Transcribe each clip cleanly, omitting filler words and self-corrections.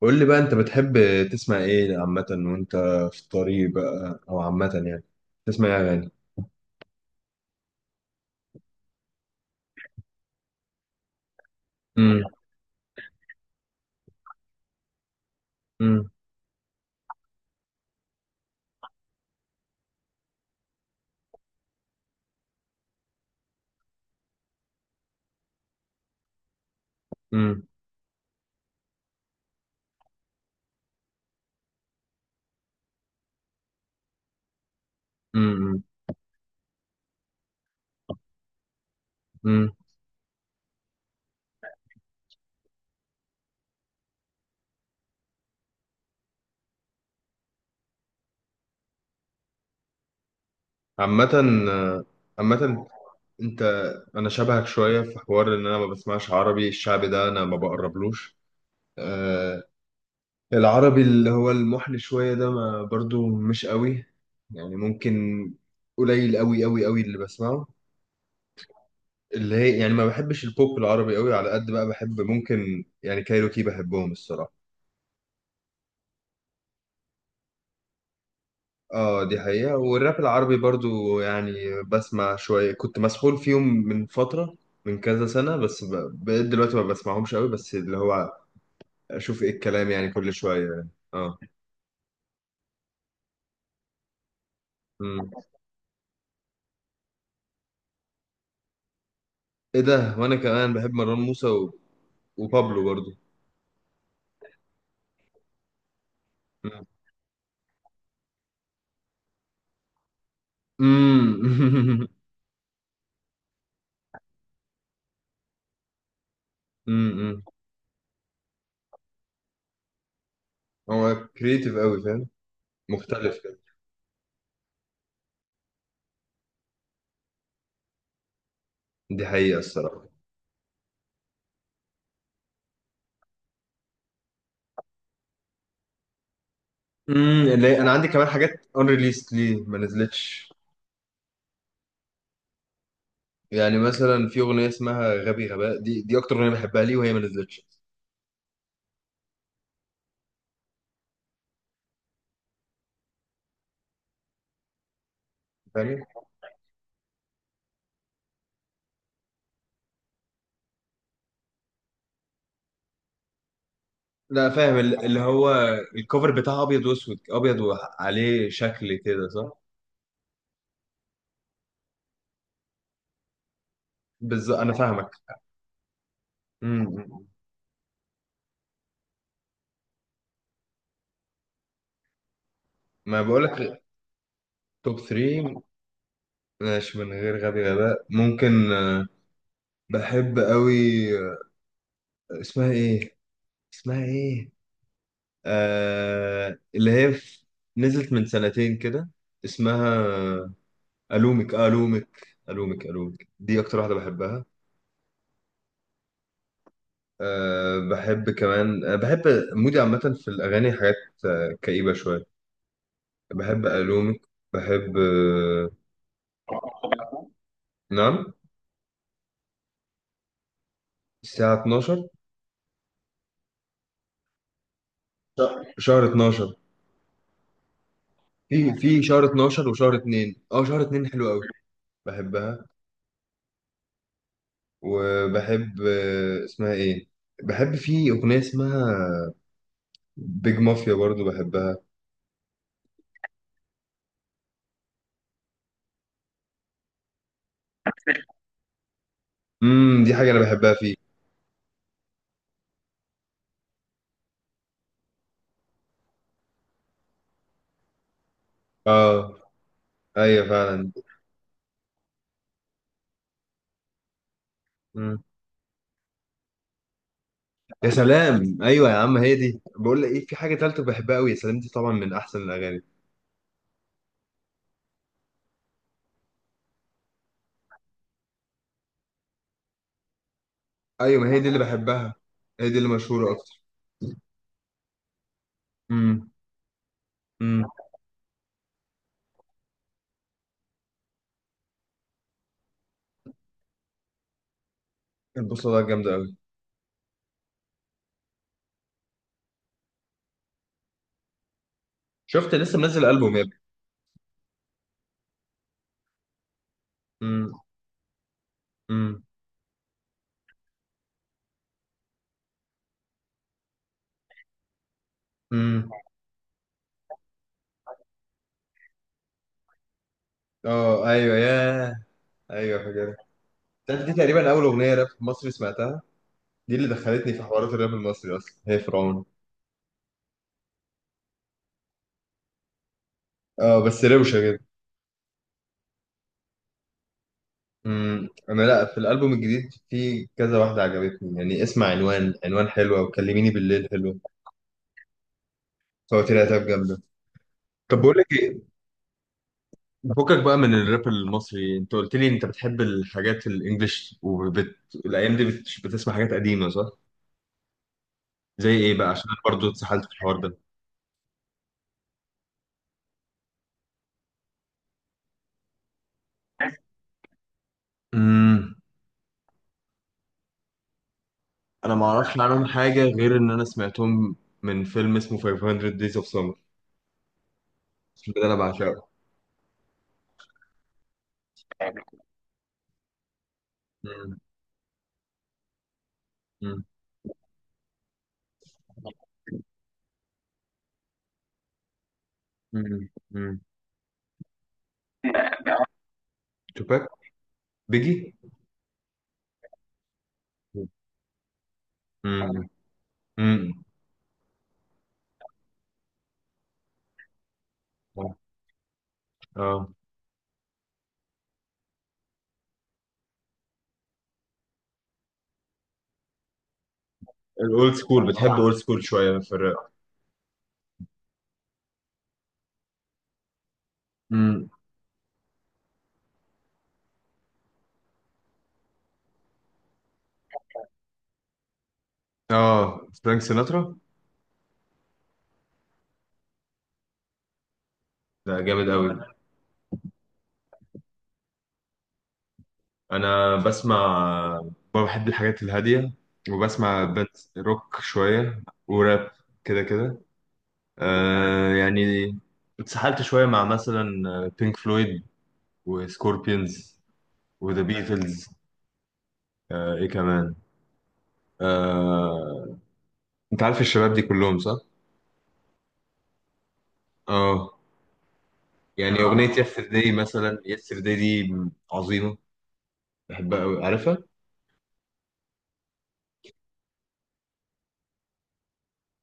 قول لي بقى انت بتحب تسمع ايه عامة؟ وانت في الطريق بقى او عامة يعني تسمع ايه اغاني؟ امم. امم. امم. امم. امم. عامة عامة، انت انا شبهك شوية في حوار ان انا ما بسمعش عربي، الشعبي ده انا ما بقربلوش. آه. العربي اللي هو المحن شوية ده ما برضو مش قوي، يعني ممكن قليل قوي قوي قوي اللي بسمعه، اللي هي يعني ما بحبش البوب العربي قوي، على قد بقى بحب ممكن يعني كايروكي، بحبهم الصراحة. اه، دي حقيقة. والراب العربي برضو يعني بسمع شوية، كنت مسحول فيهم من فترة، من كذا سنة، بس بقيت دلوقتي ما بسمعهمش قوي، بس اللي هو اشوف ايه الكلام يعني كل شوية يعني. اه. أمم. ايه ده، وانا كمان بحب مروان موسى وبابلو برضو. أمم. أمم. أمم. هو كريتيف قوي، فاهم، مختلف كده. دي حقيقة الصراحة. انا عندي كمان حاجات unreleased، ليه ما نزلتش؟ يعني مثلا في اغنيه اسمها غبي غباء، دي اكتر اغنيه بحبها ليه وهي ما نزلتش. فاهم. لا فاهم، اللي هو الكوفر بتاعها ابيض واسود، ابيض وعليه شكل كده، صح؟ بالظبط انا فاهمك. امم. ما بقولك. توب 3. ماشي، من غير غبي غباء ممكن بحب قوي. آه، اسمها ايه؟ اسمها ايه؟ اللي هي نزلت من سنتين كده، اسمها الومك، الومك الومك الومك، دي اكتر واحده بحبها. بحب كمان، بحب مودي عامة في الأغاني حاجات، كئيبة شوية، بحب ألومك، بحب. نعم. الساعة 12. شهر 12. في شهر 12 وشهر 2، شهر 2 حلو قوي، بحبها. وبحب اسمها ايه. بحب في أغنية اسمها بيج مافيا برضو، بحبها. دي حاجة أنا بحبها فيه. اه، ايوه فعلا. يا سلام، ايوه يا عم، هي دي، بقول لك ايه، في حاجه تالته بحبها قوي، يا سلام، دي طبعا من احسن الاغاني. ايوه، ما هي دي اللي بحبها. هي دي اللي مشهوره اكتر. امم. امم. البوصله ده جامده قوي. شفت لسه منزل البوم يا ابني؟ امم. امم. امم. اه، ايوه ايوه فاكرها. دي تقريبا اول اغنيه راب مصري سمعتها، دي اللي دخلتني في حوارات الراب المصري اصلا، هي فرعون. اه، بس روشه جدا. انا لا، في الالبوم الجديد في كذا واحده عجبتني، يعني اسمع عنوان، عنوان حلوه وكلميني بالليل حلوه. فهو لي هتبقى جامدة. طب بقول لك ايه. فكك بقى من الراب المصري، انت قلت لي انت بتحب الحاجات الانجليش الايام دي بتسمع حاجات قديمة، صح؟ زي ايه بقى؟ عشان انا برضه اتسحلت في الحوار ده. امم انا ما اعرفش عنهم حاجة غير ان انا سمعتهم من فيلم اسمه 500 Days of Summer. الفيلم ده انا بعشقه. مم. مم. مم. مم. توباك. بيجي. مم. مم. اه الاولد سكول، بتحب اولد سكول شويه في الراب؟ مم. اه، فرانك سيناترا. ده جامد قوي. انا بسمع، بحب الحاجات الهاديه، وبسمع بات روك شويه، وراب، كده كده. يعني اتسحلت شويه مع مثلا بينك فلويد وسكوربينز وذا بيتلز. ايه كمان، آه انت عارف الشباب دي كلهم، صح؟ اه يعني اغنيه يسترداي مثلا، يسترداي دي عظيمه، بحبها قوي، عارفها.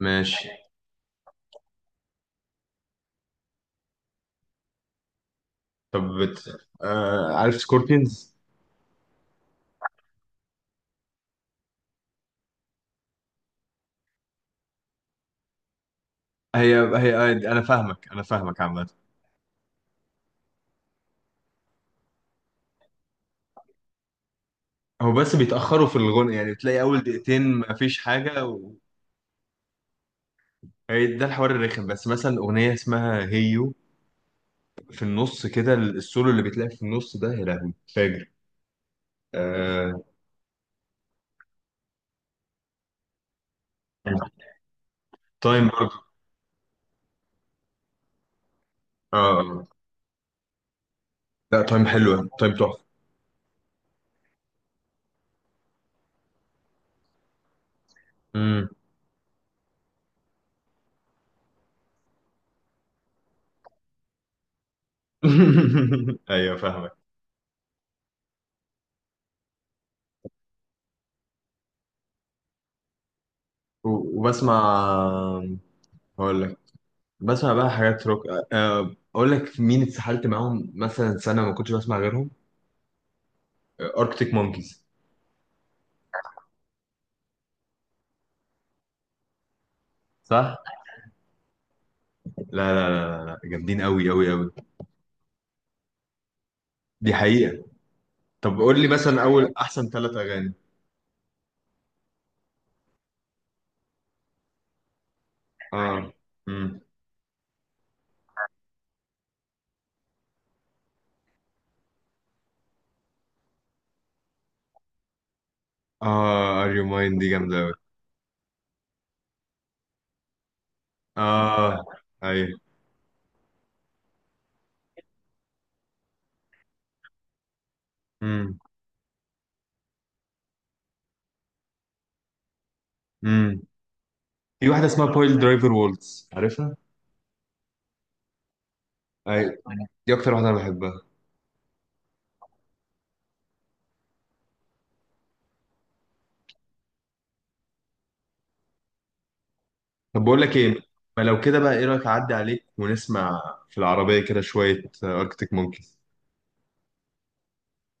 ماشي. طب عارف سكوربينز. هي هي انا فاهمك، انا فاهمك عامه. هو بس بيتاخروا في الغنى، يعني بتلاقي اول دقيقتين مفيش حاجه. هي ده الحوار الرخم، بس مثلا اغنيه اسمها هيو، في النص كده، السولو اللي بتلاقي في النص ده، يا لهوي فاجر. آه. تايم برضه. اه، آه. لا، تايم حلوه، تايم تحفه. مم. ايوه فاهمك. وبسمع. هقول لك. بسمع بقى حاجات روك، اقول لك مين اتسحلت معاهم، مثلا سنه ما كنتش بسمع غيرهم، اركتيك مونكيز. صح. لا لا لا لا لا، جامدين قوي قوي قوي. دي حقيقة. طب قول لي مثلا اول احسن 3 اغاني. اه. امم. اه، ار يو ماين دي جامدة قوي. اه، ايوه. امم. امم. في واحدة اسمها بويل درايفر وولتس، عارفها؟ ايوه. دي اكتر واحدة انا بحبها. طب بقول لك ايه. ما لو كده بقى، ايه رايك اعدي عليك ونسمع في العربية كده شوية اركتيك مونكيز؟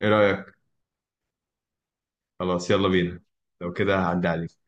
ايه رايك؟ خلاص يلا بينا، لو كده هعدي عليك.